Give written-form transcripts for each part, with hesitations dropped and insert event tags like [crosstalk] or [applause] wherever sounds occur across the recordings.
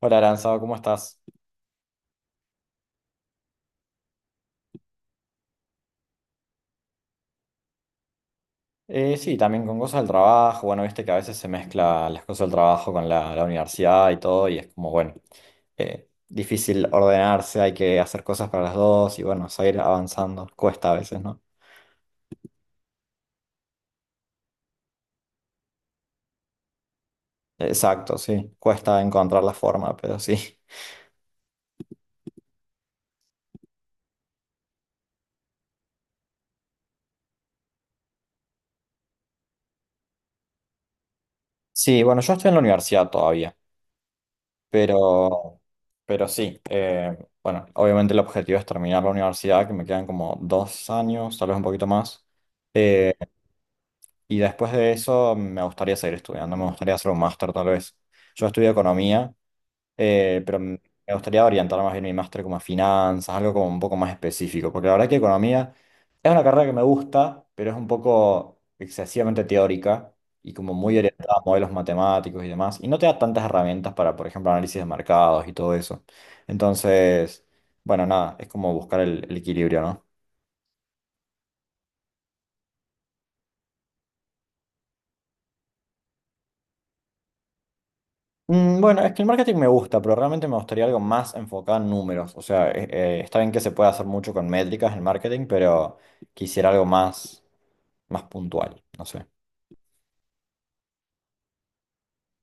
Hola, Aranzado, ¿cómo estás? Sí, también con cosas del trabajo. Bueno, viste que a veces se mezcla las cosas del trabajo con la universidad y todo, y es como, bueno, difícil ordenarse, hay que hacer cosas para las dos y bueno, seguir avanzando. Cuesta a veces, ¿no? Exacto, sí, cuesta encontrar la forma, pero sí. Sí, bueno, yo estoy en la universidad todavía, pero, pero sí, bueno, obviamente el objetivo es terminar la universidad, que me quedan como dos años, tal vez un poquito más. Eh, Y después de eso me gustaría seguir estudiando, me gustaría hacer un máster tal vez. Yo estudio economía, pero me gustaría orientar más bien mi máster como a finanzas, algo como un poco más específico, porque la verdad que economía es una carrera que me gusta, pero es un poco excesivamente teórica y como muy orientada a modelos matemáticos y demás, y no te da tantas herramientas para, por ejemplo, análisis de mercados y todo eso. Entonces, bueno, nada, es como buscar el equilibrio, ¿no? Mm, bueno, es que el marketing me gusta, pero realmente me gustaría algo más enfocado en números. O sea, está bien que se puede hacer mucho con métricas en marketing, pero quisiera algo más, más puntual, no sé.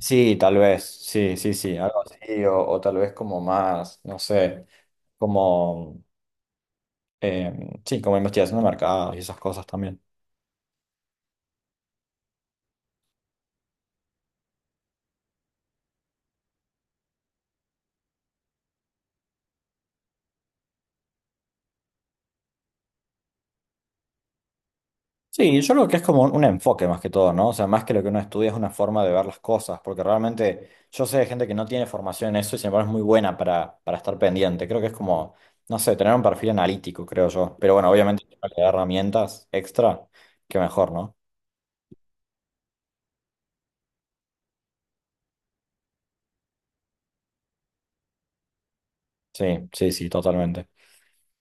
Sí, tal vez, sí, sí, sí, algo así, o tal vez como más, no sé, como, sí, como investigación de mercados y esas cosas también. Sí, yo creo que es como un enfoque más que todo, ¿no? O sea, más que lo que uno estudia es una forma de ver las cosas, porque realmente yo sé de gente que no tiene formación en eso y sin embargo es muy buena para estar pendiente. Creo que es como, no sé, tener un perfil analítico, creo yo. Pero bueno, obviamente si uno le da herramientas extra, que mejor, ¿no? Sí, sí, sí, totalmente.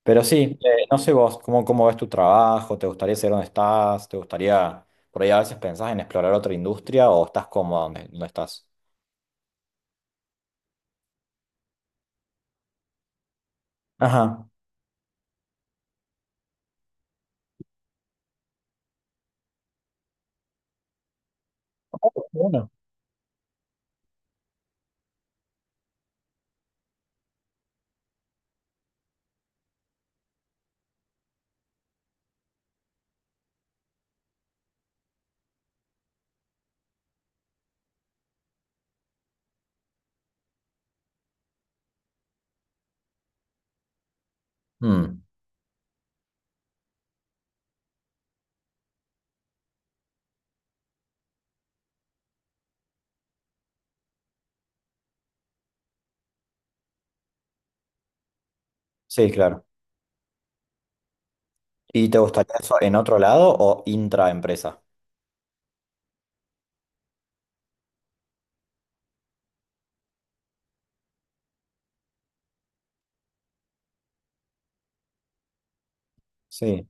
Pero sí, no sé vos, ¿cómo, cómo ves tu trabajo? ¿Te gustaría saber dónde estás? ¿Te gustaría, por ahí a veces pensás en explorar otra industria o estás cómodo donde, donde estás? Ajá. Oh, qué bueno. Mm, sí, claro. ¿Y te gustaría eso en otro lado o intraempresa? Sí.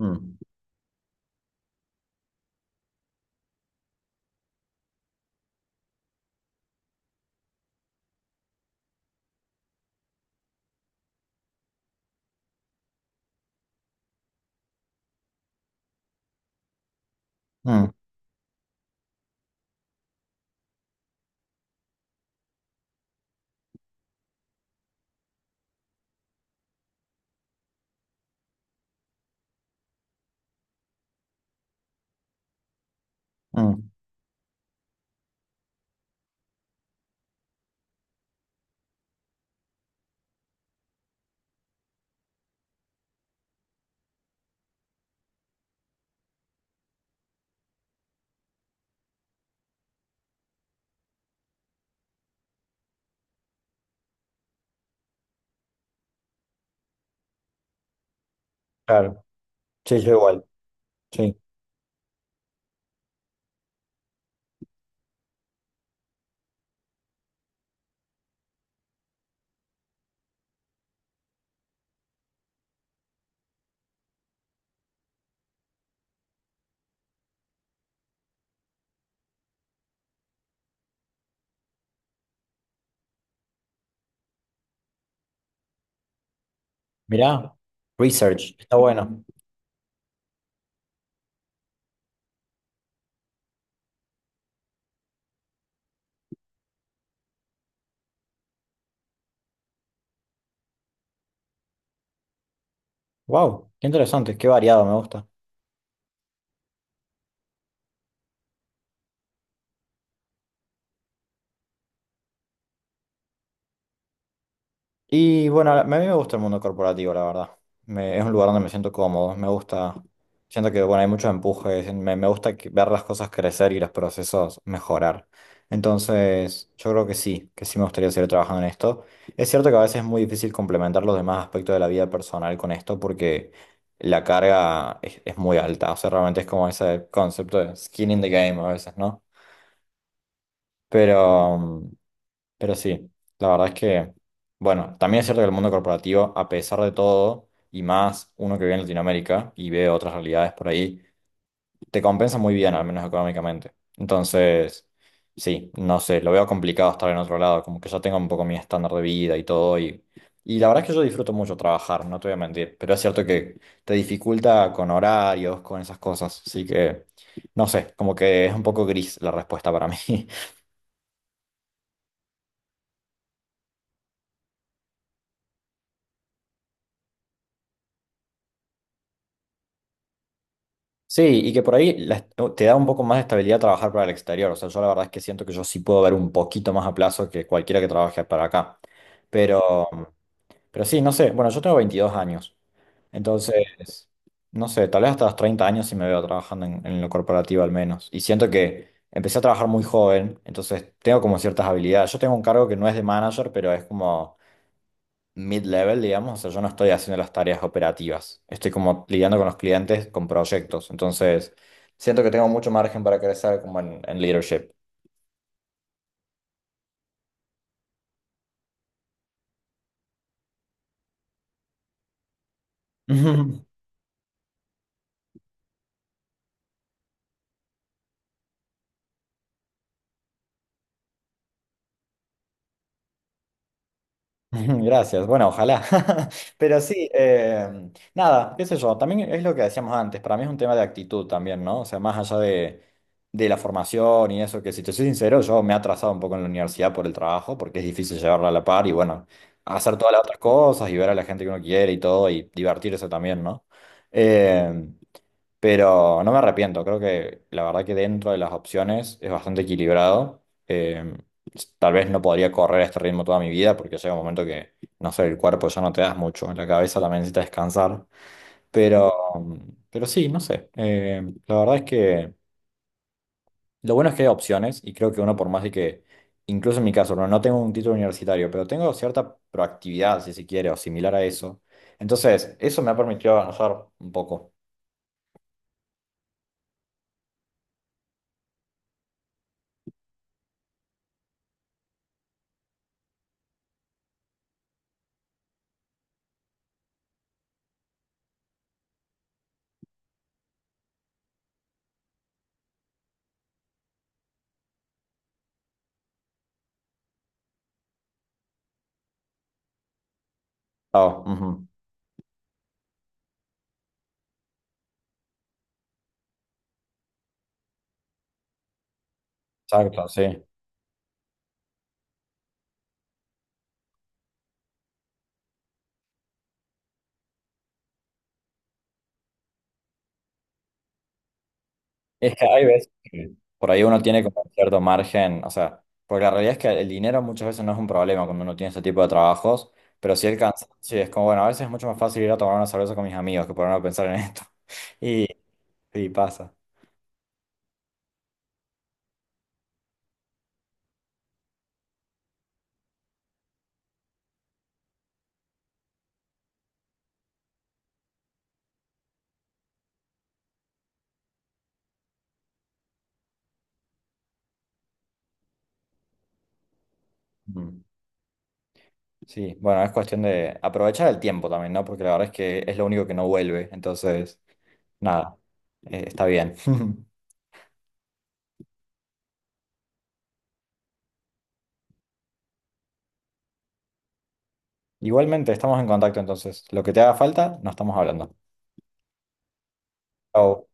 Mm, mm, mm, claro. Sí, yo igual. Sí. Mirá, research. Está bueno. Wow, qué interesante, qué variado, me gusta. Y bueno, a mí me gusta el mundo corporativo, la verdad. Me- es un lugar donde me siento cómodo, me gusta, siento que bueno, hay mucho empuje, me gusta que- ver las cosas crecer y los procesos mejorar. Entonces, yo creo que sí me gustaría seguir trabajando en esto. Es cierto que a veces es muy difícil complementar los demás aspectos de la vida personal con esto porque la carga es muy alta, o sea, realmente es como ese concepto de skin in the game a veces, ¿no? Pero, pero sí, la verdad es que, bueno, también es cierto que el mundo corporativo, a pesar de todo, y más uno que vive en Latinoamérica y ve otras realidades por ahí, te compensa muy bien, al menos económicamente. Entonces, sí, no sé, lo veo complicado estar en otro lado, como que ya tengo un poco mi estándar de vida y todo, y la verdad es que yo disfruto mucho trabajar, no te voy a mentir, pero es cierto que te dificulta con horarios, con esas cosas, así que, no sé, como que es un poco gris la respuesta para mí. Sí, y que por ahí la est- oh, te da un poco más de estabilidad trabajar para el exterior. O sea, yo la verdad es que siento que yo sí puedo ver un poquito más a plazo que cualquiera que trabaje para acá. Pero, pero sí. No sé. Bueno, yo tengo 22 años. Entonces, no sé, tal vez hasta los 30 años sí me veo trabajando en lo corporativo al menos. Y siento que empecé a trabajar muy joven, entonces tengo como ciertas habilidades. Yo tengo un cargo que no es de manager, pero es como mid-level, digamos, o sea, yo no estoy haciendo las tareas operativas, estoy como lidiando con los clientes, con proyectos, entonces siento que tengo mucho margen para crecer como en leadership. [laughs] [laughs] Gracias, bueno, ojalá. [laughs] Pero sí, nada, qué sé yo, también es lo que decíamos antes, para mí es un tema de actitud también, ¿no? O sea, más allá de la formación y eso, que si te soy sincero, yo me he atrasado un poco en la universidad por el trabajo, porque es difícil llevarla a la par y bueno, hacer todas las otras cosas y ver a la gente que uno quiere y todo y divertirse también, ¿no? Em, pero no me arrepiento, creo que la verdad que dentro de las opciones es bastante equilibrado. Tal vez no podría correr a este ritmo toda mi vida porque llega un momento que, no sé, el cuerpo ya no te das mucho, la cabeza también necesita descansar. Pero, pero sí. No sé. La verdad es que lo bueno es que hay opciones y creo que uno, por más de que, incluso en mi caso, no, no tengo un título universitario, pero tengo cierta proactividad, si se quiere, o similar a eso. Entonces, eso me ha permitido avanzar un poco. Ah, ujú. Exacto, sí. Es que hay veces que por ahí uno tiene como cierto margen, o sea, porque la realidad es que el dinero muchas veces no es un problema cuando uno tiene ese tipo de trabajos, pero sí el cansancio es como, bueno, a veces es mucho más fácil ir a tomar una cerveza con mis amigos que ponerme a pensar en esto. [laughs] Y, y pasa. Mm. Sí, bueno, es cuestión de aprovechar el tiempo también, ¿no? Porque la verdad es que es lo único que no vuelve, entonces, nada, está bien. [laughs] Igualmente, estamos en contacto, entonces, lo que te haga falta, nos estamos hablando. Chau.